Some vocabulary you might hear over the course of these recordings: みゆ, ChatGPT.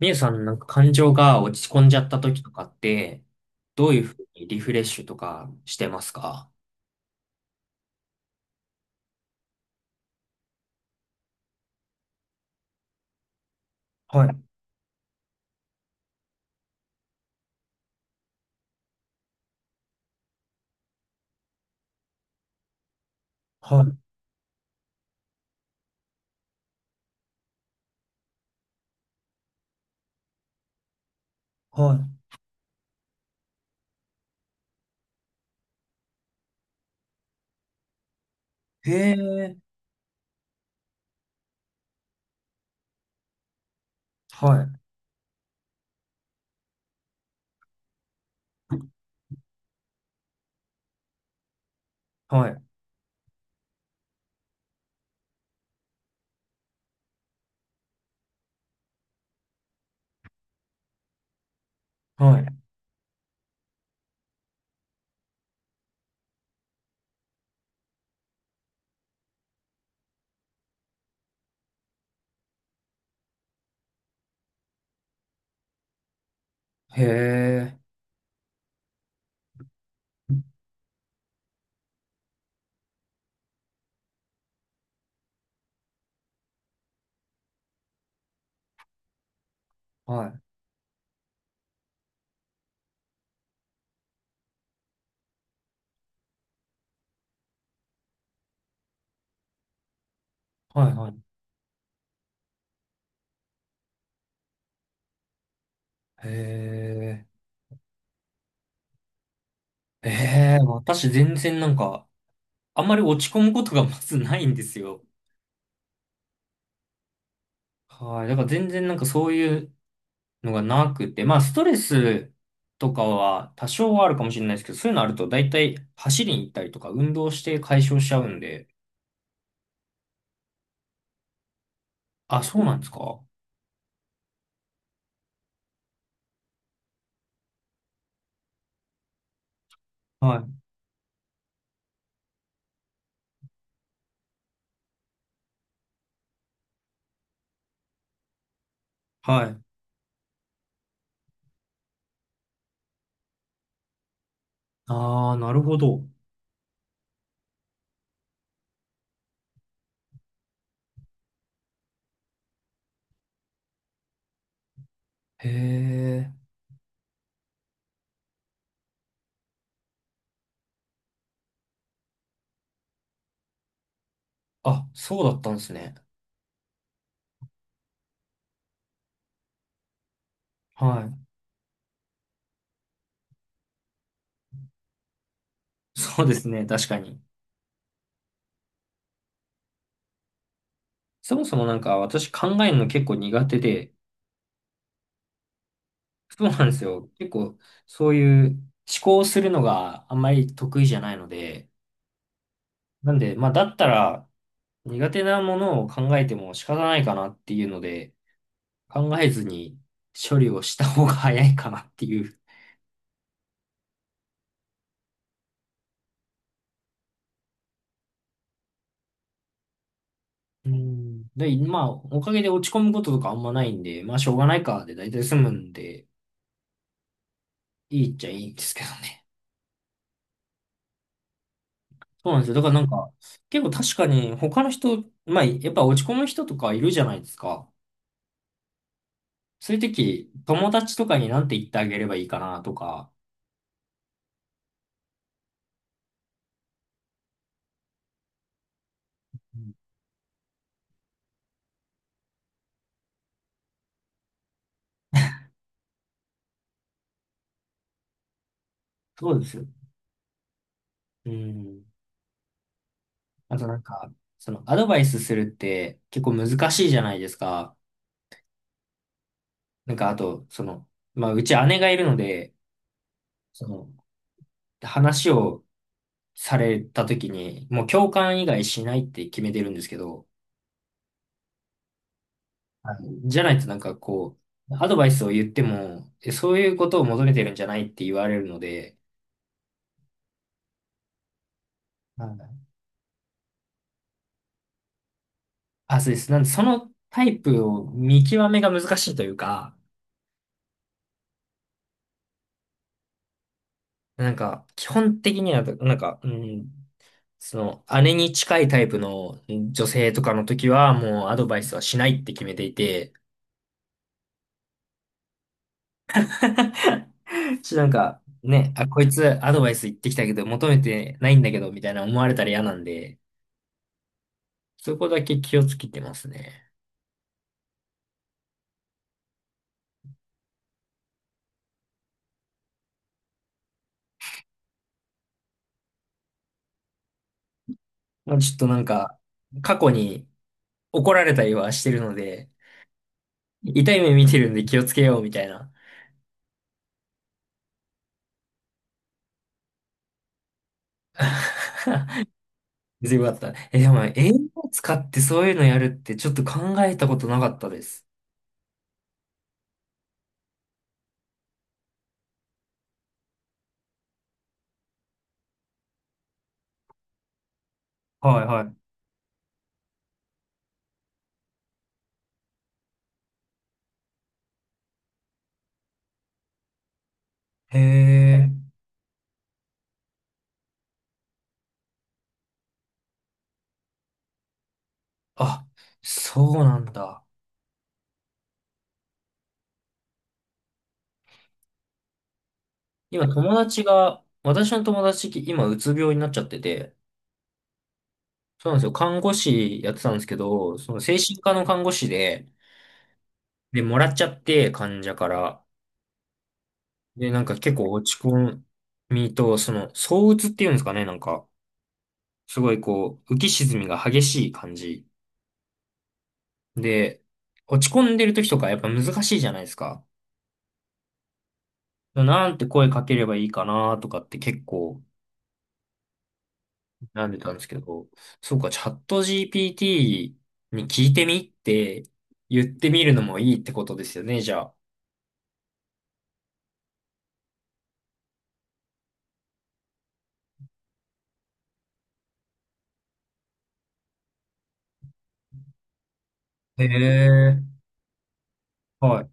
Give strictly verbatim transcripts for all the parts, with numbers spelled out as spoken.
みゆさん、なんか感情が落ち込んじゃった時とかって、どういうふうにリフレッシュとかしてますか？はい、はい、はいへえ、はい、はい、はい、へえ、はい、はい、はい。へえ、ええ、私全然なんか、あんまり落ち込むことがまずないんですよ。はい。だから全然なんかそういうのがなくて、まあ、ストレスとかは多少はあるかもしれないですけど、そういうのあると大体走りに行ったりとか運動して解消しちゃうんで、あ、そうなんですか？はい。はい。ああ、なるほど。へえ。あ、そうだったんですね。はい。そうですね。確かに。そもそもなんか私考えるの結構苦手で、そうなんですよ。結構そういう思考するのがあんまり得意じゃないので、なんで、まあだったら、苦手なものを考えても仕方ないかなっていうので、考えずに処理をした方が早いかなっていう。うん。で、まあ、おかげで落ち込むこととかあんまないんで、まあ、しょうがないかで大体済むんで、いいっちゃいいんですけどね。そうなんですよ。だからなんか、結構確かに他の人、まあ、やっぱ落ち込む人とかいるじゃないですか。そういう時、友達とかになんて言ってあげればいいかなとか。うん、そうですよ。うん。あとなんか、そのアドバイスするって結構難しいじゃないですか。なんかあと、その、まあうち姉がいるので、その話をされた時にもう共感以外しないって決めてるんですけど、はい、じゃないとなんかこう、アドバイスを言っても、えそういうことを求めてるんじゃないって言われるので、はい、あ、そうです。なんでそのタイプを見極めが難しいというか、なんか基本的には、なんか、うんその、姉に近いタイプの女性とかの時は、もうアドバイスはしないって決めていて、ちょ、っとなんか、ね、あ、こいつアドバイス言ってきたけど、求めてないんだけど、みたいな思われたら嫌なんで、そこだけ気をつけてますね。まあ、ちょっとなんか、過去に怒られたりはしてるので、痛い目見てるんで気をつけよう、みたいな。全部あった。え、でも、英語を使ってそういうのやるってちょっと考えたことなかったです。はいはい。へえ。あ、そうなんだ。今友達が、私の友達、今うつ病になっちゃってて、そうなんですよ。看護師やってたんですけど、その精神科の看護師で、で、もらっちゃって、患者から。で、なんか結構落ち込みと、その、躁鬱っていうんですかね、なんか、すごいこう、浮き沈みが激しい感じ。で、落ち込んでる時とかやっぱ難しいじゃないですか。なんて声かければいいかなとかって結構悩んでたんですけど、そうか、チャット ジーピーティー に聞いてみって言ってみるのもいいってことですよね、じゃあ。へえ、はい、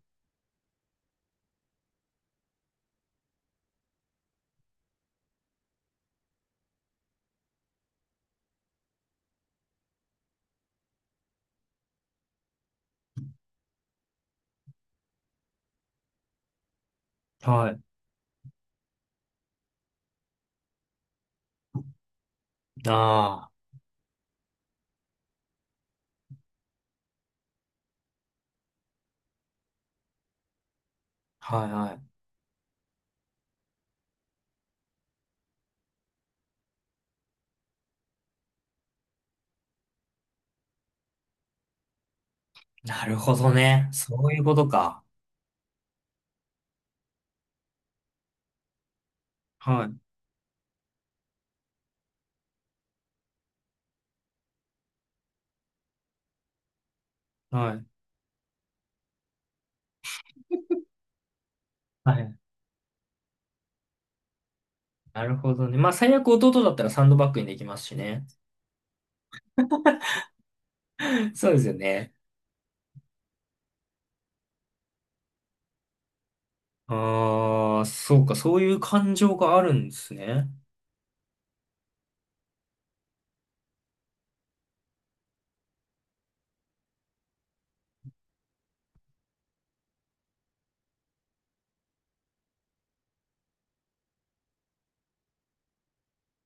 はい。ああ、はい、はい。なるほどね。そういうことか。はい、はい、はい。なるほどね。まあ、最悪弟だったらサンドバッグにできますしね。そうですよね。ああ、そうか、そういう感情があるんですね。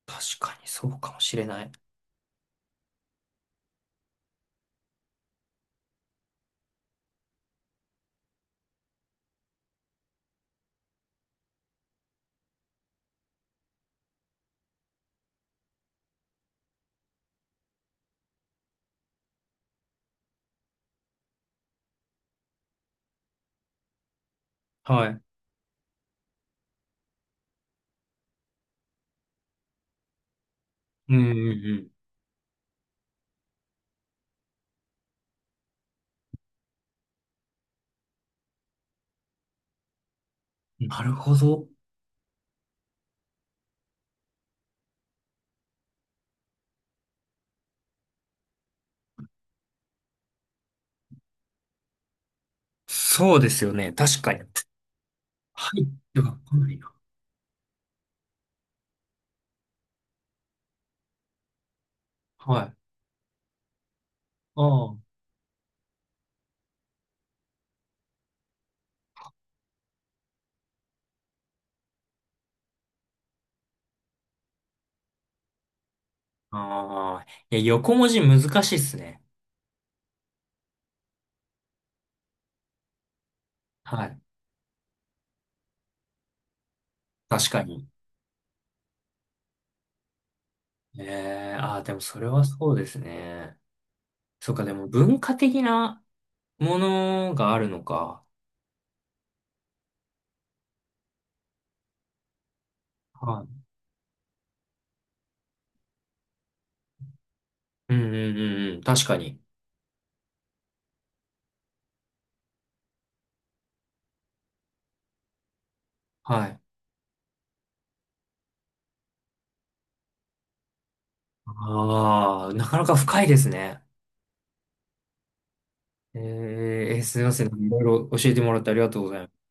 確かにそうかもしれない。はい。うんうんうん。なるほど。そうですよね。確かに。はいでは来ないな。はい。ああ。ああ。いや、横文字難しいっすね。はい。確かに。ええ、ああ、でもそれはそうですね。そうか、でも文化的なものがあるのか。はい。うんうんうんうん。確かに。はい。ああ、なかなか深いですね。えーえー、すいません。いろいろ教えてもらってありがとうございます。